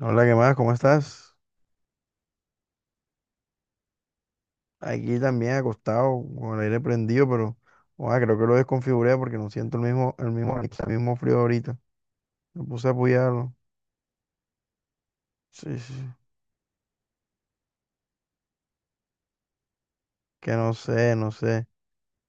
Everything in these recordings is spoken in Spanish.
Hola, ¿qué más? ¿Cómo estás? Aquí también acostado, con el aire prendido, pero creo que lo desconfiguré porque no siento el mismo frío ahorita. Me puse a apoyarlo. Sí, sí, sí. Que no sé, no sé.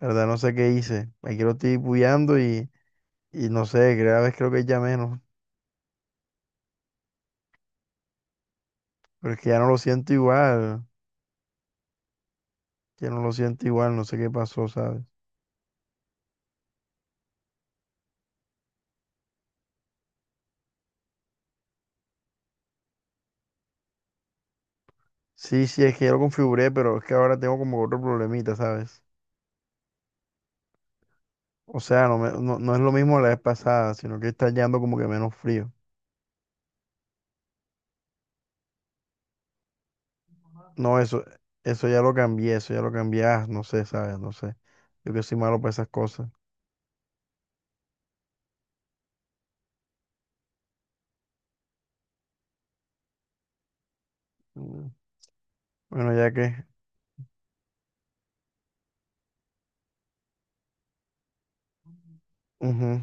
La verdad, no sé qué hice. Aquí lo estoy apoyando y no sé, cada vez creo que ya menos. Pero es que ya no lo siento igual. Ya no lo siento igual, no sé qué pasó, ¿sabes? Sí, sí, es que ya lo configuré, pero es que ahora tengo como otro problemita, ¿sabes? O sea, no, no, no es lo mismo la vez pasada, sino que está yendo como que menos frío. No, eso ya lo cambié, eso ya lo cambié, ah, no sé, ¿sabes? No sé. Yo que soy malo para esas cosas. Mm. Bueno, ya que, ujú.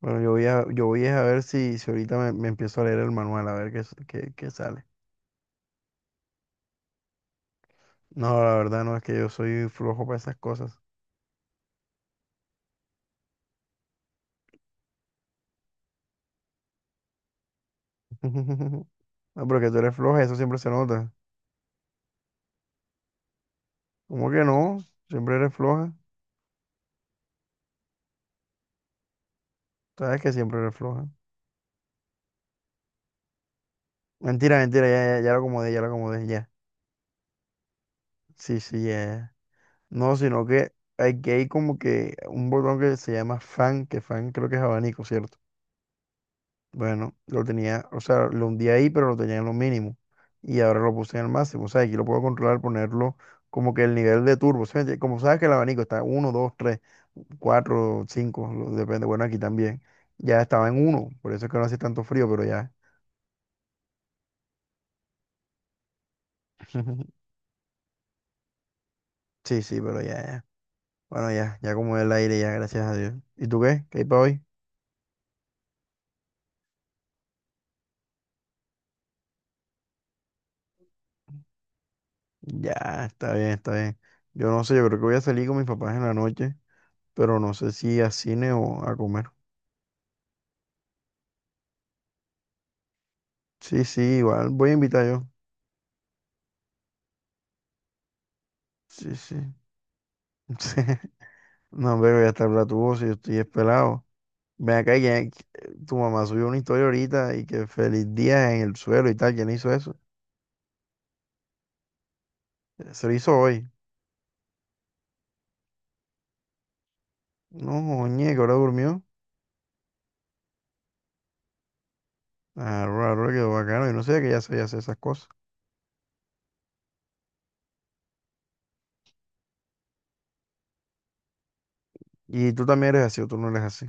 Bueno, yo voy a ver si ahorita me empiezo a leer el manual, a ver qué sale. No, la verdad no, es que yo soy flojo para esas cosas. No, pero que tú eres floja, eso siempre se nota. ¿Cómo que no? Siempre eres floja. Sabes que siempre eres floja. Mentira, mentira, ya, ya, ya lo acomodé, ya lo acomodé, ya. Sí, sí, ya. No, sino que aquí hay como que un botón que se llama fan, que fan creo que es abanico, ¿cierto? Bueno, lo tenía, o sea, lo hundí ahí, pero lo tenía en lo mínimo. Y ahora lo puse en el máximo. O sea, aquí lo puedo controlar, ponerlo como que el nivel de turbo. ¿Sí me entiendes? Como sabes que el abanico está uno, dos, tres, cuatro, cinco, depende. Bueno, aquí también. Ya estaba en uno, por eso es que no hace tanto frío, pero ya. Sí, sí, pero ya, ya. Bueno, ya, ya como el aire, ya, gracias a Dios. ¿Y tú qué? ¿Qué hay para hoy? Ya, está bien, está bien. Yo no sé, yo creo que voy a salir con mis papás en la noche, pero no sé si a cine o a comer. Sí, sí, igual voy a invitar yo. Sí, sí. Sí. No, pero voy a estar blatuoso, yo estoy espelado. Ven acá, y tu mamá subió una historia ahorita y que feliz día en el suelo y tal. ¿Quién hizo eso? Se lo hizo hoy. No, oye, que ahora durmió. Ah, ahora ahora quedó bacano. Yo no sé que ya sabía hacer esas cosas. ¿Y tú también eres así o tú no eres así?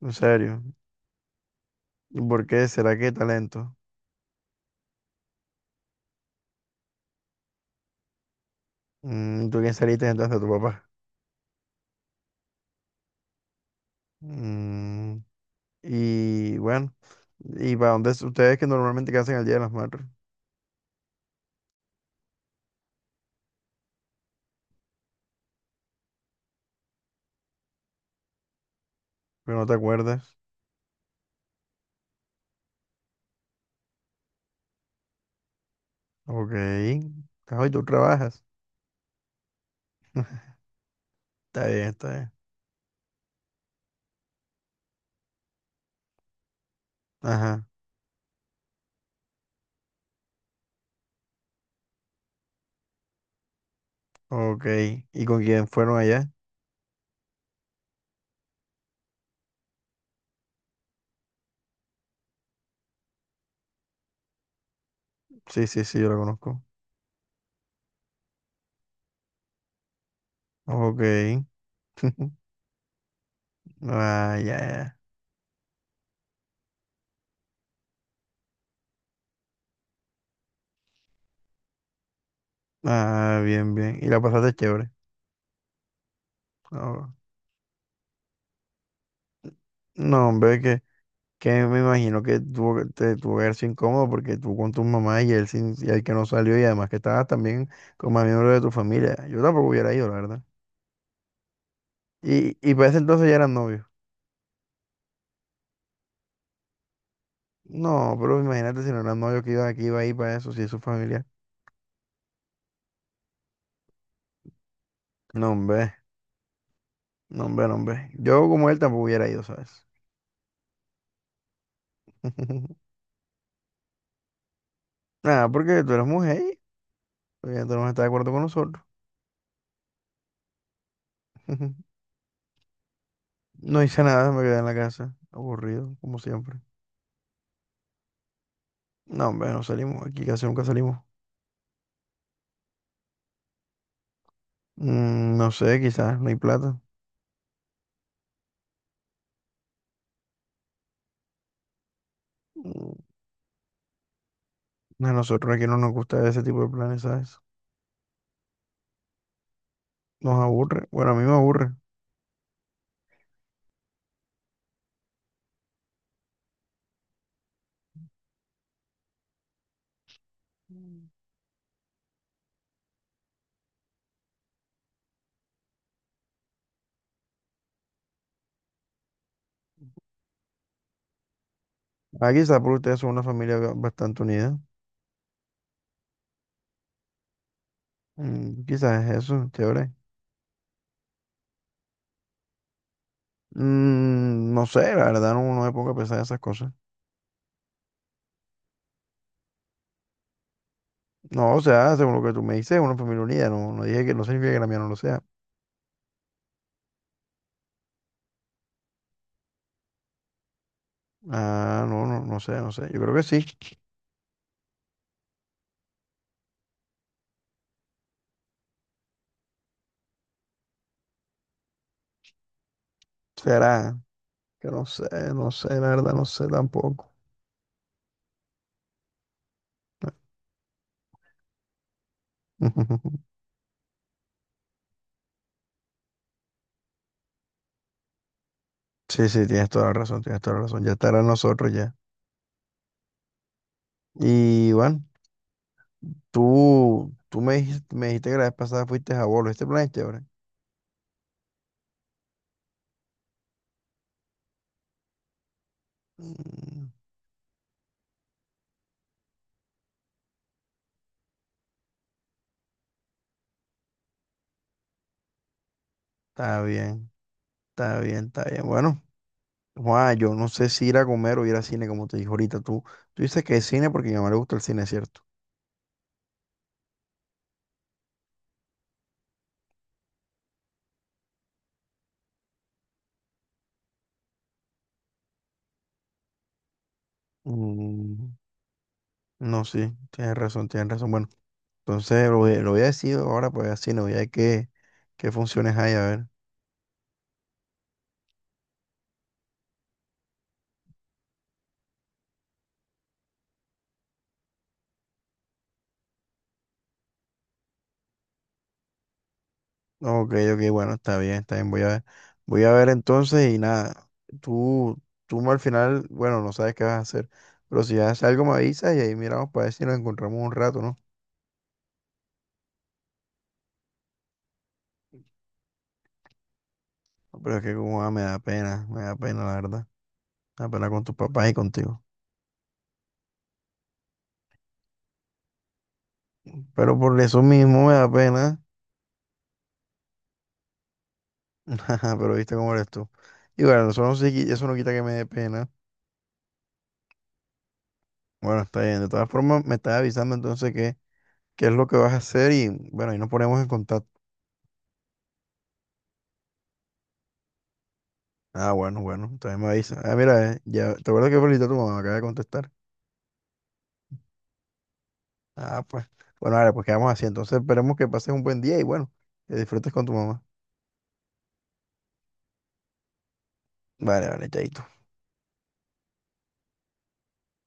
¿En serio? ¿Y por qué? ¿Será que talento? Mm, ¿tú quién saliste entonces? ¿Tu papá? Mm, y bueno, ¿y para dónde ustedes que normalmente qué hacen el Día de las Madres? Pero no te acuerdas. Ok. Ah, ¿y tú trabajas? Está bien, está bien. Ajá. Ok. ¿Y con quién fueron allá? Sí, sí, sí, yo la conozco. Ok. Ah, ya, ya. Ah, bien, bien. ¿Y la pasaste chévere? Ah, no, hombre, que me imagino que tuvo, te tuvo que haber sido incómodo porque tú con tu mamá y él, sin, y el que no salió y además que estabas también con más miembros de tu familia. Yo tampoco hubiera ido, la verdad. Y para ese entonces ya eran novios. No, pero imagínate si no eran novios que iba ahí para eso, si es su familia. No, hombre, no, hombre, no, hombre. Yo como él tampoco hubiera ido, ¿sabes? Nada, porque tú eres mujer y obviamente no estás de acuerdo con nosotros. No hice nada, me quedé en la casa, aburrido, como siempre. No, hombre, no salimos, aquí casi nunca salimos. Mm, no sé, quizás no hay plata. Mm, a nosotros aquí no nos gusta ese tipo de planes, ¿sabes? Nos aburre. Bueno, a mí me aburre. Ah, quizás por ustedes son una familia bastante unida. Mm, quizás es eso, chévere. Mm, no sé, la verdad no, no me pongo a pensar en esas cosas. No, o sea, según lo que tú me dices, una familia unida. No, no dije que no significa que la mía no lo sea. Ah, no, no, no sé, no sé. Yo creo que sí. Será que no sé, no sé, la verdad no sé tampoco. Sí, sí, tienes toda la razón, tienes toda la razón. Ya estará en nosotros ya. Y bueno, tú me dijiste que la vez pasada fuiste a Bolo. ¿Este plan es chévere? Mm, está bien, está bien, está bien. Bueno, Juan, yo no sé si ir a comer o ir al cine, como te dije ahorita. Tú dices que es cine porque a mi mamá le gusta el cine, ¿cierto? Mm, no, sí, tienes razón, tienes razón. Bueno, entonces lo, lo voy a decir ahora, pues al cine, voy a ver qué funciones hay, a ver. Ok, ok, bueno, está bien, está bien. Voy a ver entonces y nada, tú, tú al final, bueno, no sabes qué vas a hacer, pero si haces algo me avisas y ahí miramos para ver si nos encontramos un rato, ¿no? Pero es que como ah, me da pena, la verdad. Me da pena con tus papás y contigo. Pero por eso mismo me da pena. Pero viste cómo eres tú. Y bueno, eso no, se eso no quita que me dé pena. Bueno, está bien. De todas formas, me estás avisando entonces qué es lo que vas a hacer y bueno, ahí nos ponemos en contacto. Ah, bueno, bueno, también me avisa. Ah, mira, ya, ¿te acuerdas que felicité a tu mamá? Acaba de contestar. Ah, pues. Bueno, vale, pues quedamos así. Entonces esperemos que pases un buen día y bueno, que disfrutes con tu mamá. Vale, vale, chaito.